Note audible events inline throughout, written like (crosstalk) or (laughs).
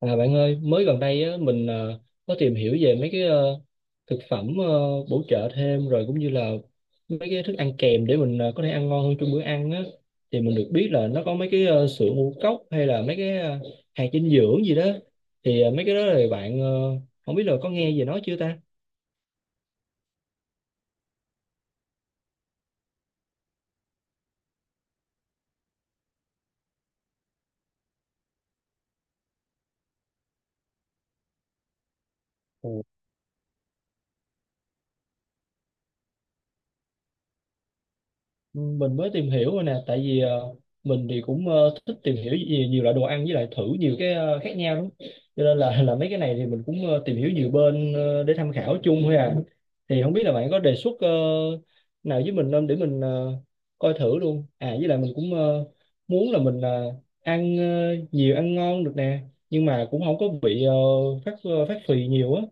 À, bạn ơi, mới gần đây á, mình có tìm hiểu về mấy cái thực phẩm bổ trợ thêm, rồi cũng như là mấy cái thức ăn kèm để mình có thể ăn ngon hơn trong bữa ăn á. Thì mình được biết là nó có mấy cái sữa ngũ cốc hay là mấy cái hạt dinh dưỡng gì đó. Thì mấy cái đó thì bạn không biết là có nghe về nó chưa ta? Mình mới tìm hiểu rồi nè, tại vì mình thì cũng thích tìm hiểu nhiều loại đồ ăn, với lại thử nhiều cái khác nhau lắm, cho nên là (laughs) là mấy cái này thì mình cũng tìm hiểu nhiều bên để tham khảo chung thôi à. Thì không biết là bạn có đề xuất nào với mình không, để mình coi thử luôn à. Với lại mình cũng muốn là mình ăn nhiều, ăn ngon được nè, nhưng mà cũng không có bị phát phì nhiều á.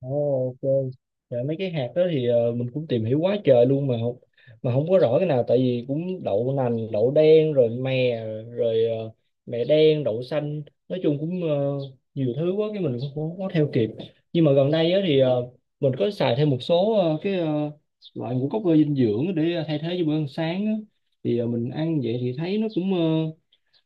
Ồ, ok. Dạ, mấy cái hạt đó thì mình cũng tìm hiểu quá trời luôn, mà không có rõ cái nào, tại vì cũng đậu nành, đậu đen, rồi rồi ờ, mè đen, đậu xanh, nói chung cũng nhiều thứ quá, cái mình cũng không có theo kịp. Nhưng mà gần đây á thì mình có xài thêm một số cái loại ngũ cốc dinh dưỡng để thay thế cho bữa ăn sáng á. Thì mình ăn vậy thì thấy nó cũng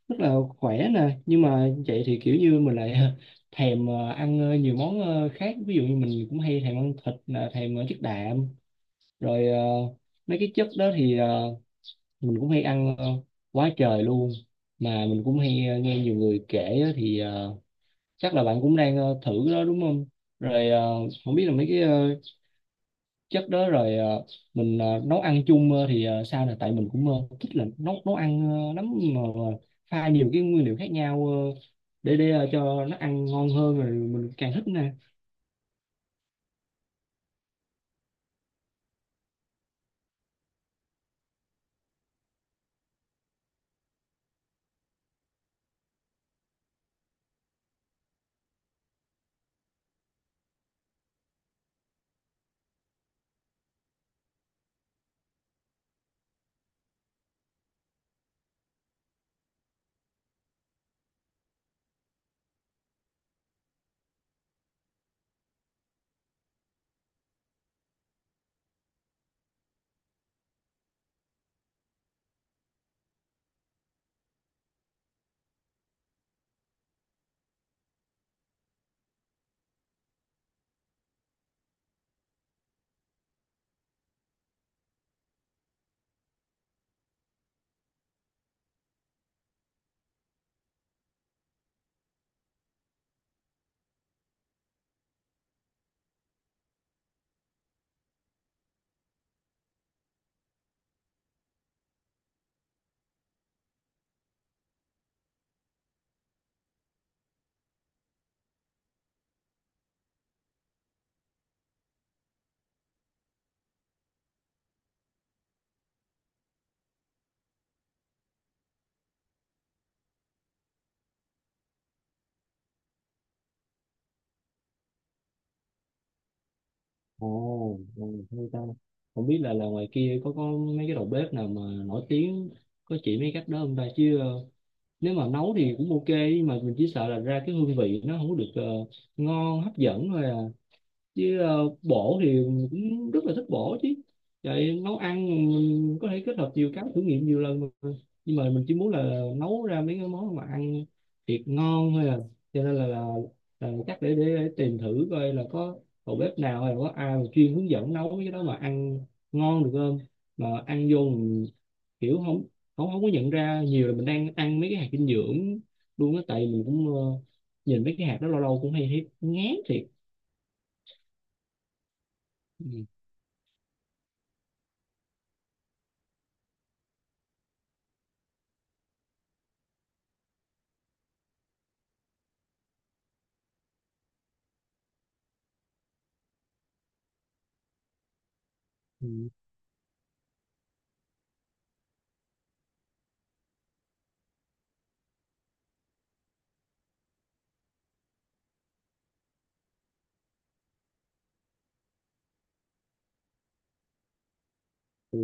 rất là khỏe nè, nhưng mà vậy thì kiểu như mình lại (laughs) thèm ăn nhiều món khác, ví dụ như mình cũng hay thèm ăn thịt nè, thèm chất đạm, rồi mấy cái chất đó thì mình cũng hay ăn quá trời luôn. Mà mình cũng hay nghe nhiều người kể á, thì chắc là bạn cũng đang thử cái đó đúng không? Rồi không biết là mấy cái chất đó rồi mình nấu ăn chung thì sao nè, tại mình cũng thích là nấu nấu ăn lắm, nhưng mà pha nhiều cái nguyên liệu khác nhau để cho nó ăn ngon hơn rồi mình càng thích nè. Ồ, ồ, hay ta. Không biết là ngoài kia có mấy cái đầu bếp nào mà nổi tiếng có chỉ mấy cách đó không ta, chứ nếu mà nấu thì cũng ok, nhưng mà mình chỉ sợ là ra cái hương vị nó không có được ngon hấp dẫn thôi à. Chứ bổ thì mình cũng rất là thích bổ chứ, vậy nấu ăn mình có thể kết hợp nhiều cái, thử nghiệm nhiều lần mà. Nhưng mà mình chỉ muốn là nấu ra mấy cái món mà ăn thiệt ngon thôi à, cho nên là chắc để tìm thử coi là có đầu bếp nào hay là có ai mà chuyên hướng dẫn nấu cái đó mà ăn ngon được không, mà ăn vô mình kiểu không không không có nhận ra nhiều là mình đang ăn mấy cái hạt dinh dưỡng luôn á, tại mình cũng nhìn mấy cái hạt đó lâu lâu cũng hay thấy ngán thiệt. Ừ. Ừ. Ừ.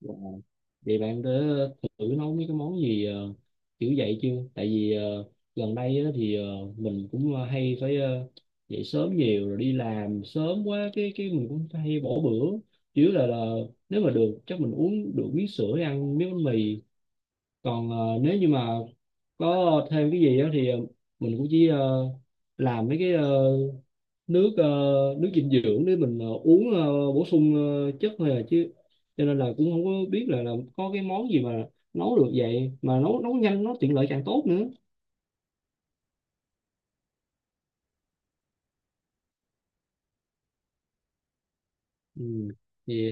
Wow. Vậy bạn đã thử nấu mấy cái món gì kiểu vậy chưa? Tại vì gần đây á, thì mình cũng hay phải dậy sớm nhiều rồi đi làm sớm quá, cái mình cũng hay bỏ bữa. Chủ yếu là nếu mà được chắc mình uống được miếng sữa, ăn miếng bánh mì. Còn nếu như mà có thêm cái gì á thì mình cũng chỉ làm mấy cái nước ờ, nước dinh dưỡng để mình uống bổ sung chất thôi à, chứ cho nên là cũng không có biết là có cái món gì mà nấu được vậy, mà nấu nấu nhanh nó tiện lợi càng tốt nữa. Ừ, thì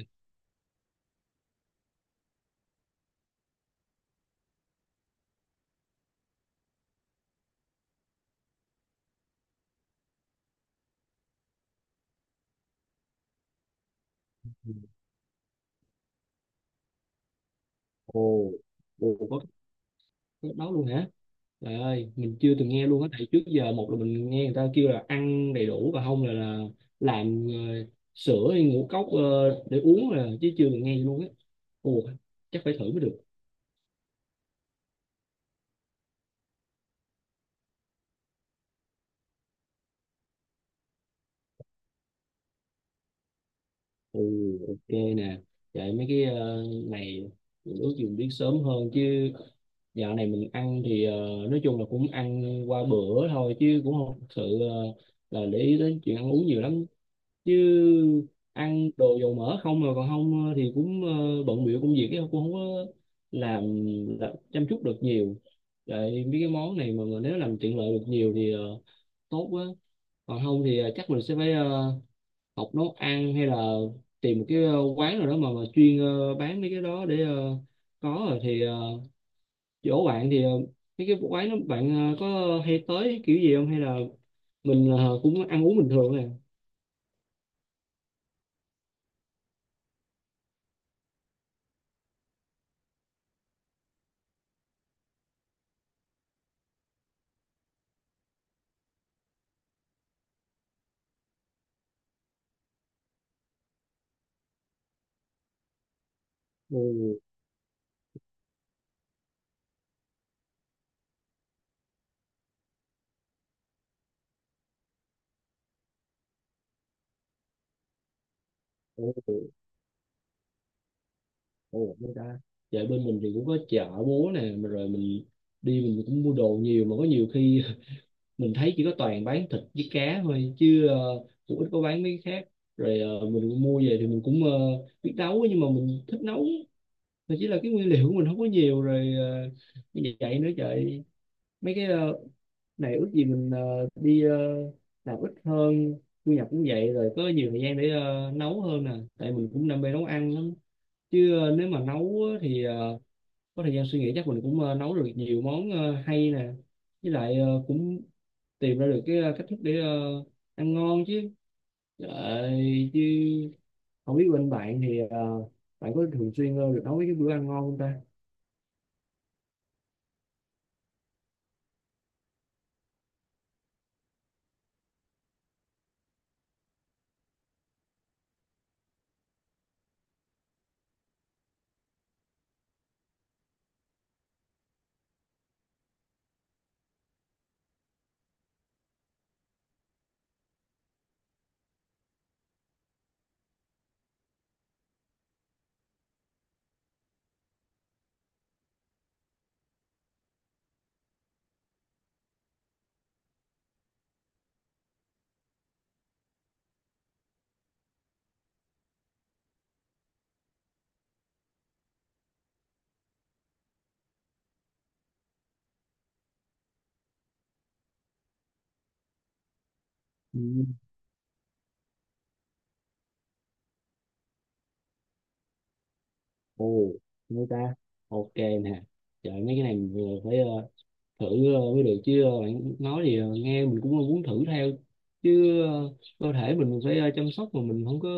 ừ, ồ, ồ, có cái đó luôn hả? Trời ơi, mình chưa từng nghe luôn á, tại trước giờ một là mình nghe người ta kêu là ăn đầy đủ, và không là làm sữa hay ngũ cốc để uống, là chứ chưa từng nghe luôn á. Ồ, chắc phải thử mới được. Ừ, ok nè, vậy mấy cái này mình ước gì mình biết sớm hơn. Chứ dạo này mình ăn thì nói chung là cũng ăn qua bữa thôi, chứ cũng không thực sự ờ, là để ý đến chuyện ăn uống nhiều lắm, chứ ăn đồ dầu mỡ không mà còn không thì cũng bận bịu công việc ấy, cũng không có làm, làm chăm chút được nhiều. Vậy mấy cái món này mà, nếu làm tiện lợi được nhiều thì tốt quá, còn không thì chắc mình sẽ phải học nấu ăn, hay là tìm một cái quán nào đó mà, chuyên bán mấy cái đó để có. Rồi thì chỗ bạn thì mấy cái quán đó bạn có hay tới kiểu gì không, hay là mình cũng ăn uống bình thường nè? Ừ, ồ, ồ, người ta. Dạ, bên mình thì cũng có chợ búa nè, mà rồi mình đi mình cũng mua đồ nhiều, mà có nhiều khi (laughs) mình thấy chỉ có toàn bán thịt với cá thôi, chứ cũng ít có bán mấy cái khác. Rồi mình mua về thì mình cũng biết nấu, nhưng mà mình thích nấu thì chỉ là cái nguyên liệu của mình không có nhiều, rồi như vậy nữa. Trời, mấy cái này ước gì mình đi làm ít hơn, thu nhập cũng vậy, rồi có nhiều thời gian để nấu hơn nè, tại mình cũng đam mê nấu ăn lắm chứ. Ờ, Nếu mà nấu á thì có thời gian suy nghĩ chắc mình cũng nấu được nhiều món hay nè, với lại cũng tìm ra được cái cách thức để ăn ngon chứ. Trời, chứ không biết bên bạn thì bạn có thường xuyên được nấu mấy cái bữa ăn ngon không ta? Ừ, ồ, mấy ta, ok nè. Trời, mấy cái này mình vừa phải thử mới được, chứ bạn nói gì nghe mình cũng muốn thử theo. Chứ cơ thể mình phải chăm sóc, mà mình không có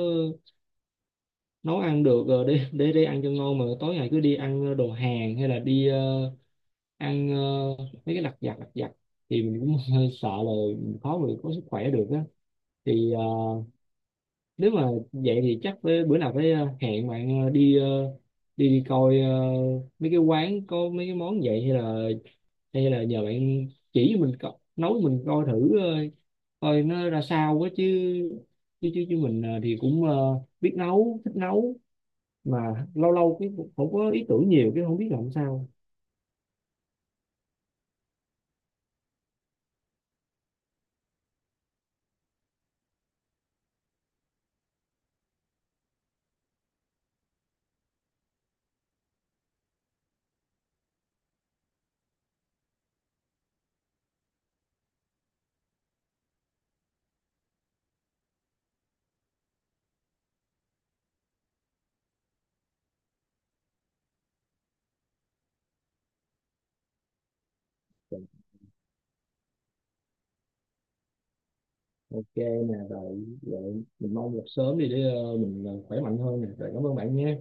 nấu ăn được để ăn cho ngon, mà tối ngày cứ đi ăn đồ Hàn, hay là đi ăn mấy cái lặt vặt lặt vặt, thì mình cũng (laughs) hơi sợ là mình khó mà có sức khỏe được á. Thì nếu mà vậy thì chắc với bữa nào phải hẹn bạn đi đi đi coi mấy cái quán có mấy cái món vậy, hay là nhờ bạn chỉ mình nấu mình coi thử coi nó ra sao quá, chứ chứ mình thì cũng biết nấu, thích nấu, mà lâu lâu cái cũng không có ý tưởng nhiều, cái không biết làm sao. Ok nè, rồi vậy mình mong gặp sớm đi để mình khỏe mạnh hơn nè, rồi cảm ơn bạn nha.